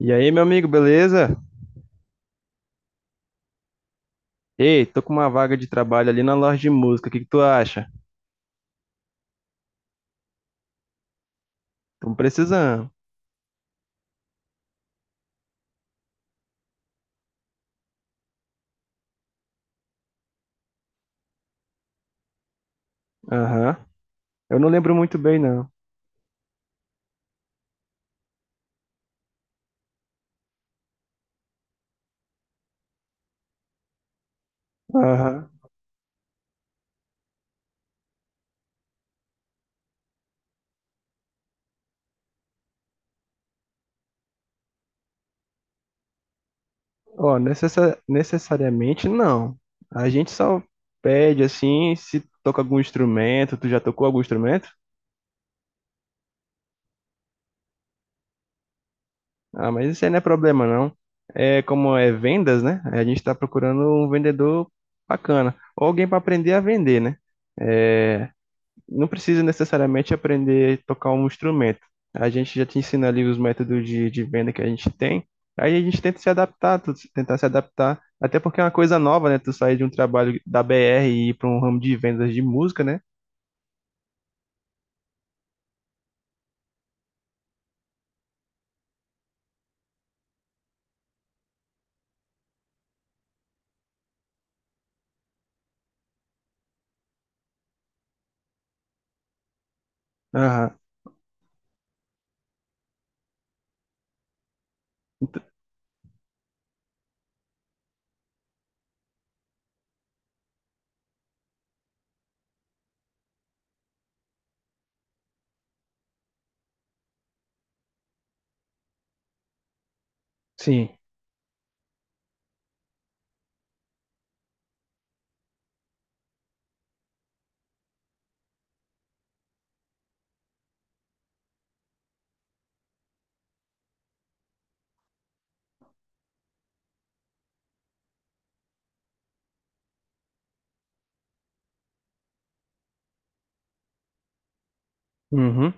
E aí, meu amigo, beleza? Ei, tô com uma vaga de trabalho ali na loja de música. O que que tu acha? Tamo precisando. Aham. Eu não lembro muito bem, não. Aham. Ó, necessariamente não. A gente só pede assim se toca algum instrumento. Tu já tocou algum instrumento? Ah, mas isso aí não é problema, não. É como é vendas, né? A gente tá procurando um vendedor bacana. Ou alguém pra aprender a vender, né? É, não precisa necessariamente aprender a tocar um instrumento. A gente já te ensina ali os métodos de venda que a gente tem. Aí a gente tenta se adaptar, tentar se adaptar. Até porque é uma coisa nova, né? Tu sair de um trabalho da BR e ir para um ramo de vendas de música, né? Aham. Ent- Sim. Uhum.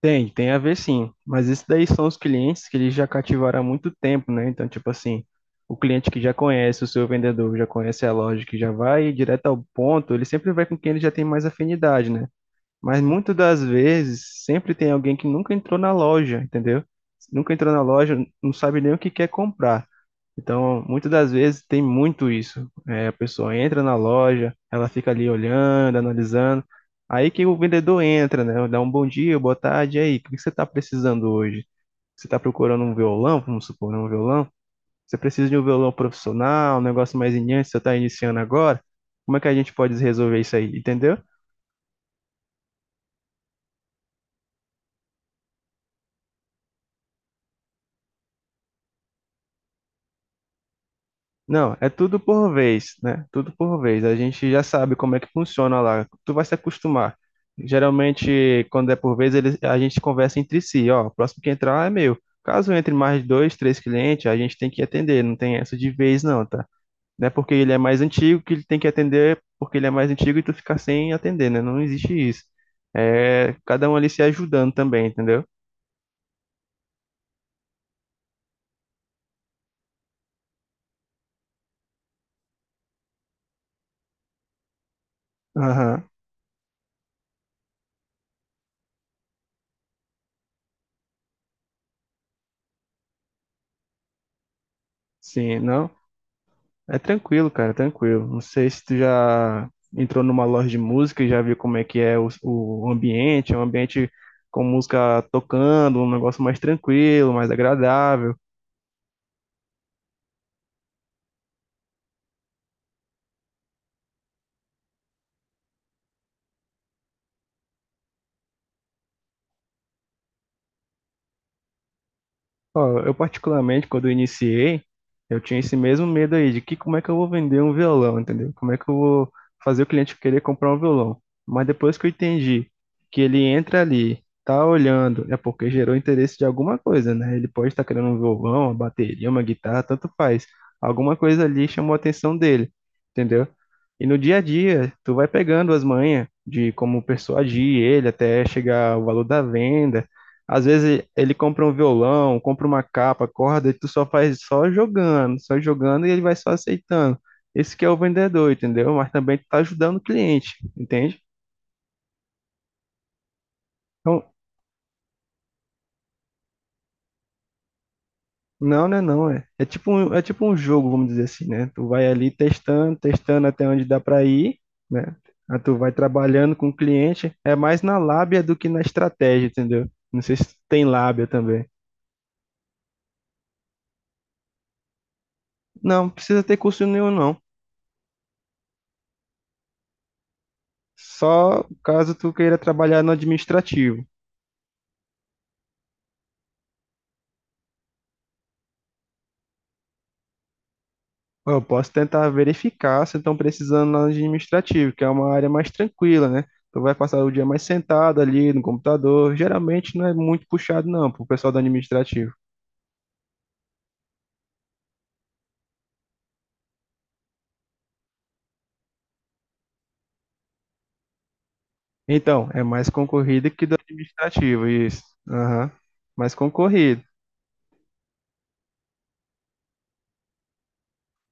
Tem, tem a ver sim. Mas isso daí são os clientes que eles já cativaram há muito tempo, né? Então, tipo assim, o cliente que já conhece o seu vendedor, já conhece a loja, que já vai direto ao ponto, ele sempre vai com quem ele já tem mais afinidade, né? Mas muitas das vezes, sempre tem alguém que nunca entrou na loja, entendeu? Nunca entrou na loja, não sabe nem o que quer comprar. Então, muitas das vezes tem muito isso. É, a pessoa entra na loja, ela fica ali olhando, analisando. Aí que o vendedor entra, né? Dá um bom dia, boa tarde, e aí, o que você está precisando hoje? Você está procurando um violão, vamos supor, né, um violão? Você precisa de um violão profissional, um negócio mais iniciante, você está iniciando agora? Como é que a gente pode resolver isso aí, entendeu? Não, é tudo por vez, né? Tudo por vez. A gente já sabe como é que funciona lá. Tu vai se acostumar. Geralmente, quando é por vez, a gente conversa entre si. Ó, o próximo que entrar é meu. Caso entre mais de dois, três clientes, a gente tem que atender. Não tem essa de vez, não, tá? Não é porque ele é mais antigo que ele tem que atender, porque ele é mais antigo e tu ficar sem atender, né? Não existe isso. É cada um ali se ajudando também, entendeu? Aham. Sim, não. É tranquilo, cara, é tranquilo. Não sei se tu já entrou numa loja de música e já viu como é que é o ambiente, é um ambiente com música tocando, um negócio mais tranquilo, mais agradável. Ó, eu particularmente, quando eu iniciei, eu tinha esse mesmo medo aí de que como é que eu vou vender um violão, entendeu? Como é que eu vou fazer o cliente querer comprar um violão? Mas depois que eu entendi que ele entra ali, tá olhando, é porque gerou interesse de alguma coisa, né? Ele pode estar querendo um violão, uma bateria, uma guitarra, tanto faz. Alguma coisa ali chamou a atenção dele, entendeu? E no dia a dia, tu vai pegando as manhas de como persuadir ele até chegar ao valor da venda, às vezes ele compra um violão, compra uma capa, corda, e tu só faz só jogando e ele vai só aceitando. Esse que é o vendedor, entendeu? Mas também tu tá ajudando o cliente, entende? Então, não, né, não, é. É tipo um jogo, vamos dizer assim, né? Tu vai ali testando, testando até onde dá para ir, né? Aí tu vai trabalhando com o cliente, é mais na lábia do que na estratégia, entendeu? Não sei se tu tem lábia também. Não, precisa ter curso nenhum, não. Só caso tu queira trabalhar no administrativo. Eu posso tentar verificar se estão precisando na administrativa, que é uma área mais tranquila, né? Tu vai passar o dia mais sentado ali no computador. Geralmente não é muito puxado, não, pro pessoal do administrativo. Então, é mais concorrido que do administrativo, isso. Aham. Mais concorrido.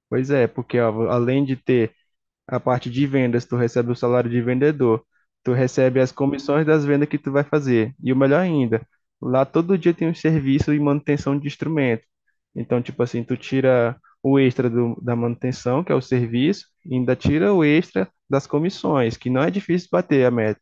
Pois é, porque ó, além de ter a parte de vendas, tu recebe o salário de vendedor, tu recebe as comissões das vendas que tu vai fazer. E o melhor ainda, lá todo dia tem um serviço e manutenção de instrumento. Então, tipo assim, tu tira o extra da manutenção, que é o serviço, e ainda tira o extra das comissões, que não é difícil bater a meta.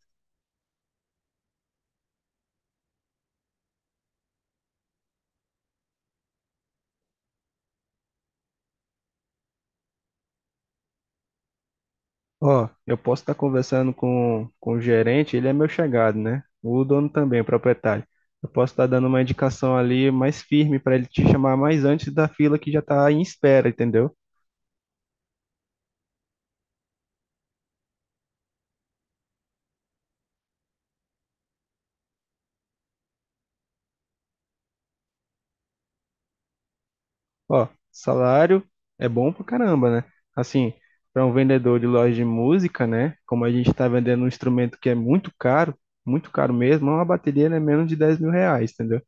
Ó, eu posso estar conversando com o gerente, ele é meu chegado, né? O dono também, o proprietário. Eu posso estar dando uma indicação ali mais firme para ele te chamar mais antes da fila que já tá em espera, entendeu? Ó, salário é bom pra caramba, né? Assim, para um vendedor de loja de música, né? Como a gente está vendendo um instrumento que é muito caro mesmo, uma bateria é menos de 10 mil reais, entendeu?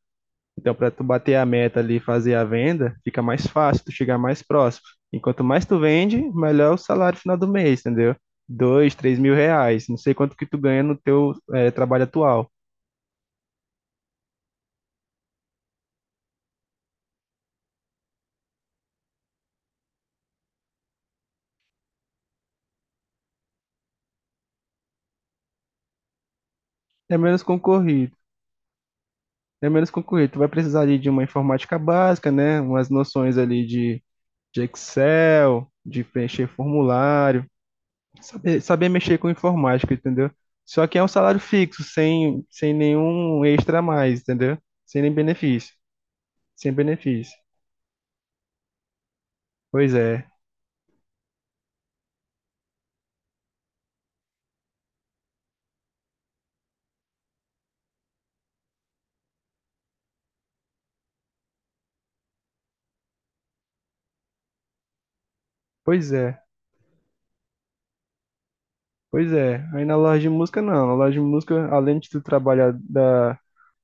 Então, para tu bater a meta ali e fazer a venda, fica mais fácil, tu chegar mais próximo. Enquanto mais tu vende, melhor o salário final do mês, entendeu? 2, 3 mil reais. Não sei quanto que tu ganha no teu trabalho atual. É menos concorrido. É menos concorrido. Tu vai precisar ali de uma informática básica, né? Umas noções ali de Excel, de preencher formulário, saber, saber mexer com informática, entendeu? Só que é um salário fixo, sem nenhum extra a mais, entendeu? Sem nem benefício. Sem benefício. Pois é, pois é, Pois é. Aí na loja de música, não. Na loja de música, além de tu trabalhar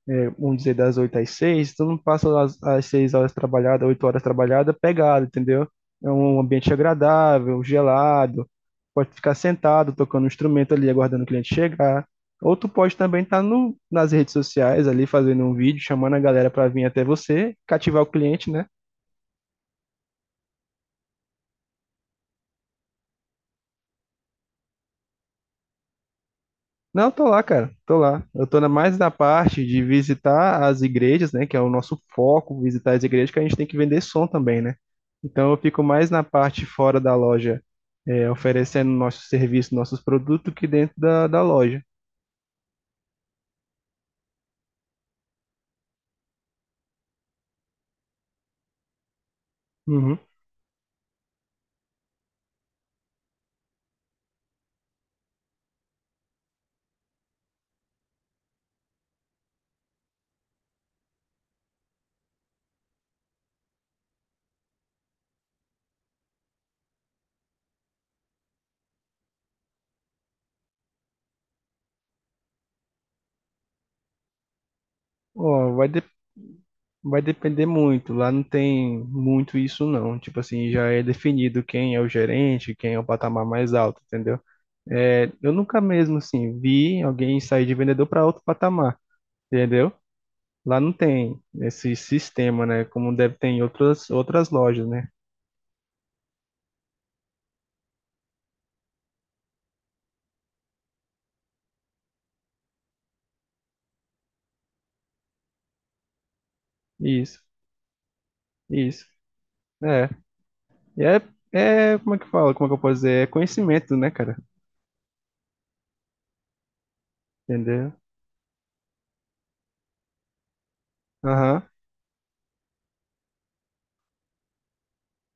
é, vamos dizer, das 8 às 6 tu não passa as 6 horas trabalhadas, 8 horas trabalhadas, pegado, entendeu? É um ambiente agradável, gelado. Pode ficar sentado, tocando um instrumento ali, aguardando o cliente chegar. Ou tu pode também estar no, nas redes sociais ali, fazendo um vídeo, chamando a galera para vir até você, cativar o cliente, né? Não, tô lá, cara, tô lá. Eu tô mais na parte de visitar as igrejas, né, que é o nosso foco, visitar as igrejas, que a gente tem que vender som também, né? Então eu fico mais na parte fora da loja, é, oferecendo nosso serviço, nossos produtos, que dentro da loja. Uhum. Ó, vai depender muito. Lá não tem muito isso, não. Tipo assim, já é definido quem é o gerente, quem é o patamar mais alto, entendeu? É, eu nunca mesmo, assim, vi alguém sair de vendedor para outro patamar. Entendeu? Lá não tem esse sistema, né? Como deve ter em outras lojas, né? Isso, isso. É. E é, como é que fala? Como é que eu posso dizer? É conhecimento, né, cara? Entendeu? Aham,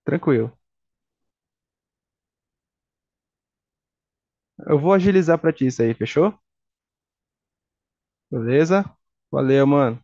tranquilo. Eu vou agilizar pra ti isso aí, fechou? Beleza? Valeu, mano.